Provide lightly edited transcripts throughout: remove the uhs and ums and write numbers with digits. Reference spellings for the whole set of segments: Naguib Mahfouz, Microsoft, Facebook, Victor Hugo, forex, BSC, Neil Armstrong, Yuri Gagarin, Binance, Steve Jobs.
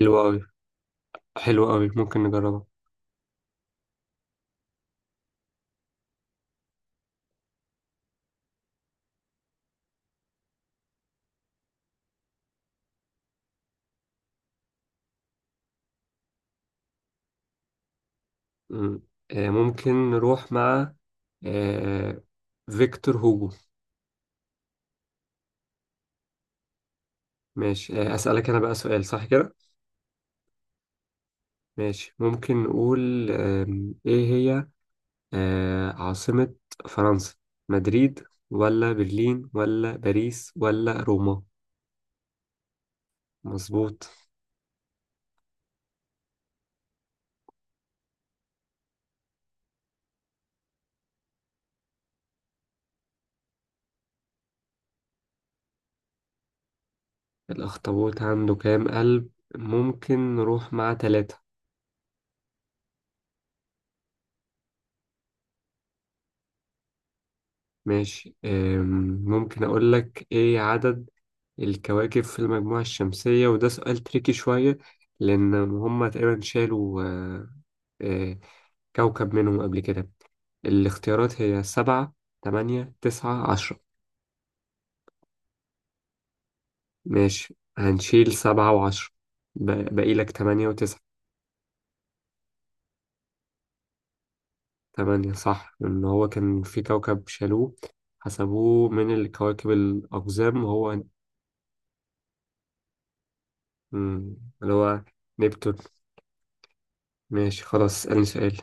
حلو أوي، حلو أوي، ممكن نجربها. مم. ممكن نروح مع آه، فيكتور هوجو. ماشي. أسألك أنا بقى سؤال صح كده؟ ماشي، ممكن نقول إيه هي عاصمة فرنسا؟ مدريد ولا برلين ولا باريس ولا روما؟ مظبوط. الأخطبوط عنده كام قلب؟ ممكن نروح مع 3. ماشي. ممكن أقول لك إيه عدد الكواكب في المجموعة الشمسية، وده سؤال تريكي شوية، لأن هما تقريبا شالوا آه، كوكب منهم قبل كده. الاختيارات هي 7، 8، 9، 10 ماشي، هنشيل 7 و10، باقي لك 8 و9. 8 صح. إن هو كان في كوكب شالوه، حسبوه من الكواكب الأقزام، وهو مم، اللي هو نبتون. ماشي، خلاص اسألني سؤال.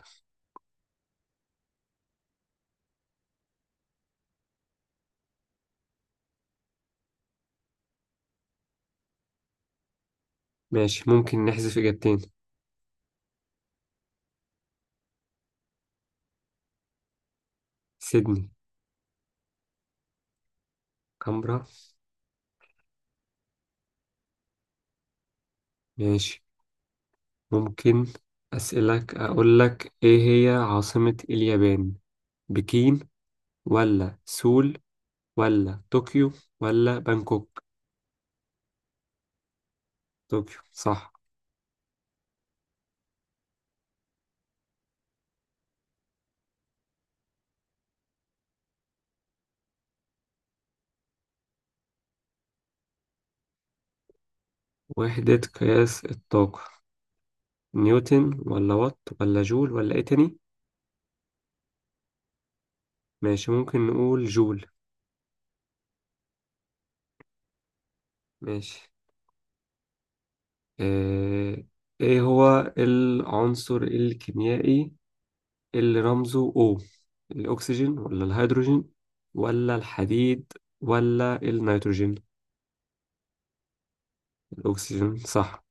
ماشي، ممكن نحذف إجابتين. سيدني. كامبرا. ماشي، ممكن أسألك، أقول لك إيه هي عاصمة اليابان؟ بكين ولا سول ولا طوكيو ولا بانكوك؟ طوكيو صح. وحدة قياس الطاقة نيوتن ولا وات ولا جول ولا إيه تاني؟ ماشي، ممكن نقول جول. ماشي. آه، إيه هو العنصر الكيميائي اللي رمزه O؟ الأكسجين ولا الهيدروجين ولا الحديد ولا النيتروجين؟ الأكسجين صح.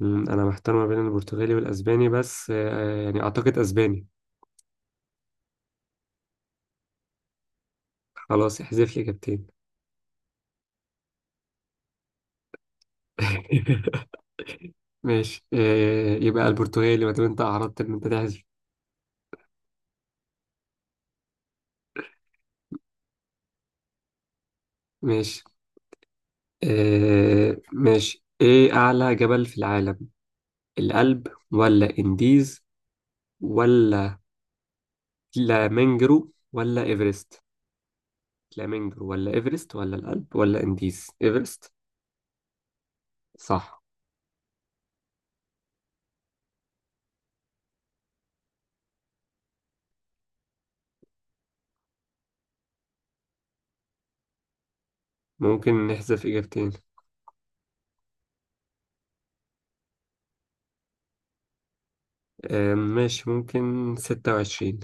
أنا محتار ما بين البرتغالي والأسباني، بس يعني أعتقد أسباني. خلاص، احذف لي إجابتين. ماشي. يبقى البرتغالي ما دام أنت أعرضت إن أنت تحذف. ماشي إيه أعلى جبل في العالم؟ الألب ولا إنديز ولا فلامنجرو ولا إيفرست؟ فلامينجو ولا ايفرست ولا الألب ولا انديز؟ ايفرست. صح. ممكن نحذف اجابتين. ماشي، ممكن 26.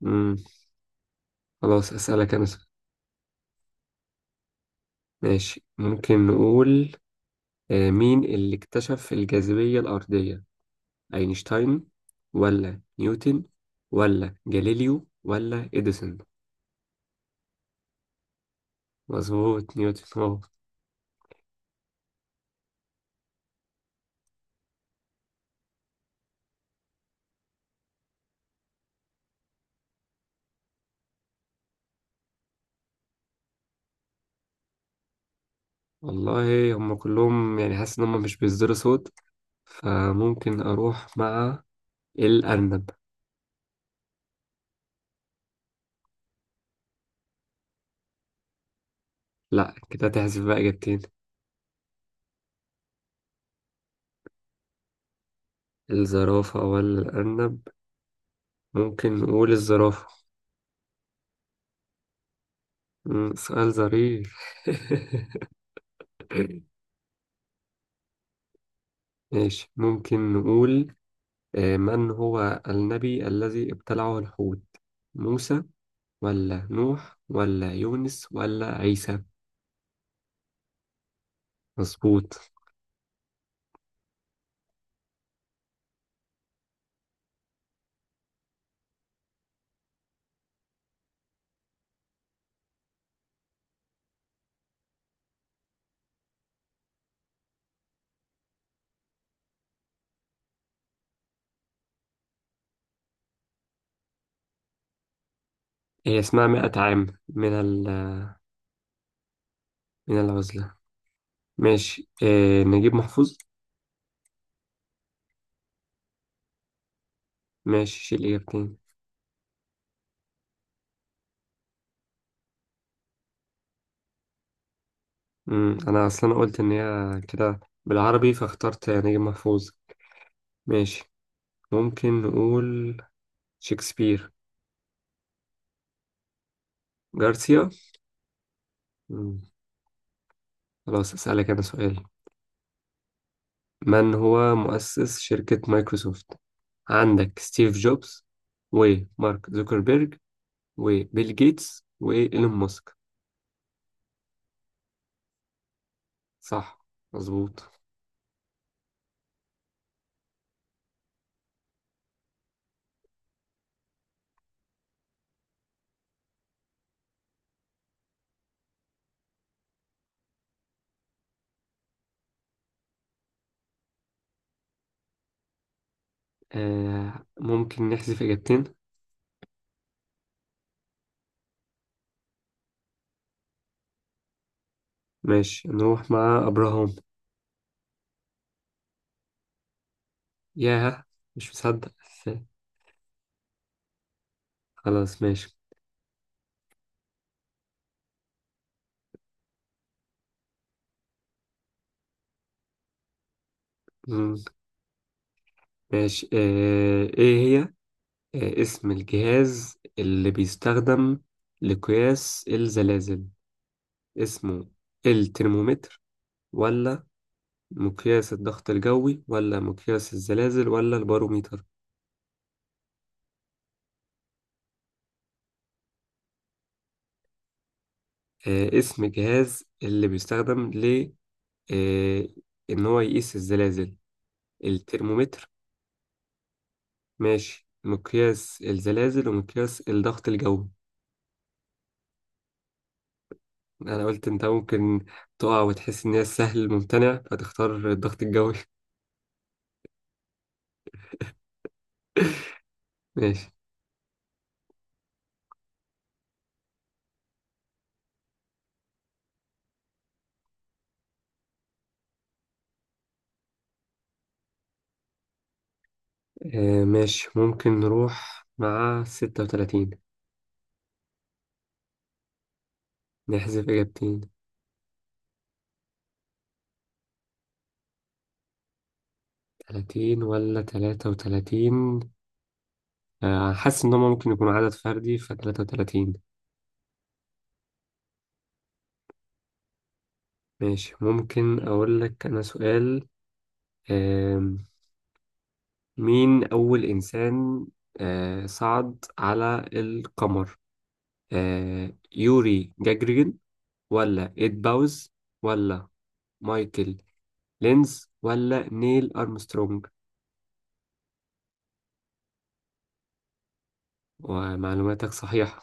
مم. خلاص اسألك انا سؤال. ماشي، ممكن نقول مين اللي اكتشف الجاذبية الأرضية؟ اينشتاين ولا نيوتن ولا جاليليو ولا اديسون؟ مظبوط، نيوتن اه. والله هم كلهم، يعني حاسس ان هم مش بيصدروا صوت، فممكن اروح مع الأرنب. لا، كده تحذف بقى إجابتين. الزرافة ولا الأرنب. ممكن نقول الزرافة. سؤال ظريف. ماشي، ممكن نقول من هو النبي الذي ابتلعه الحوت؟ موسى ولا نوح ولا يونس ولا عيسى؟ مظبوط. هي اسمها مئة عام من من العزلة. ماشي. نجيب محفوظ. ماشي، شيل إجابتين. أنا أصلا قلت إن هي كده بالعربي، فاخترت نجيب محفوظ. ماشي، ممكن نقول شكسبير. جارسيا. مم. خلاص أسألك أنا سؤال. من هو مؤسس شركة مايكروسوفت؟ عندك ستيف جوبز ومارك زوكربيرج وبيل جيتس وإيلون ماسك. صح، مظبوط. ممكن نحذف إجابتين. ماشي، نروح مع أبراهام. ياه، مش مصدق. خلاص، ماشي. مم. ماشي إيه هي اسم الجهاز اللي بيستخدم لقياس الزلازل؟ اسمه الترمومتر ولا مقياس الضغط الجوي ولا مقياس الزلازل ولا الباروميتر؟ اسم الجهاز اللي بيستخدم ل آه، إن هو يقيس الزلازل. الترمومتر. ماشي، مقياس الزلازل ومقياس الضغط الجوي. أنا قلت أنت ممكن تقع وتحس إن هي سهل ممتنع، فتختار الضغط الجوي. ماشي ممكن نروح مع 36. نحذف إجابتين. 30 ولا 33. حاسس إن هما ممكن يكون عدد فردي، فتلاتة وتلاتين. ماشي، ممكن أقول لك أنا سؤال. آه مين أول إنسان صعد على القمر؟ يوري جاجرين ولا إيد باوز ولا مايكل لينز ولا نيل أرمسترونج؟ ومعلوماتك صحيحة.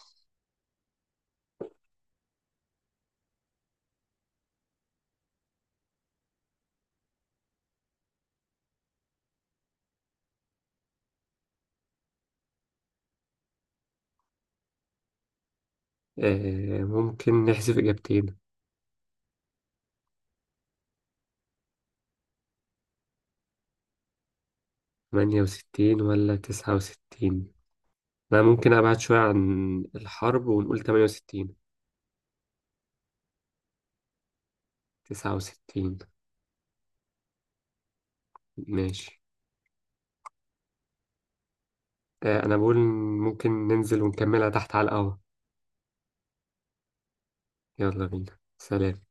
ممكن نحذف إجابتين. 68 ولا 69؟ أنا ممكن أبعد شوية عن الحرب ونقول 68. 69. ماشي. أنا بقول ممكن ننزل ونكملها تحت على القهوة. يلا بينا، سلام.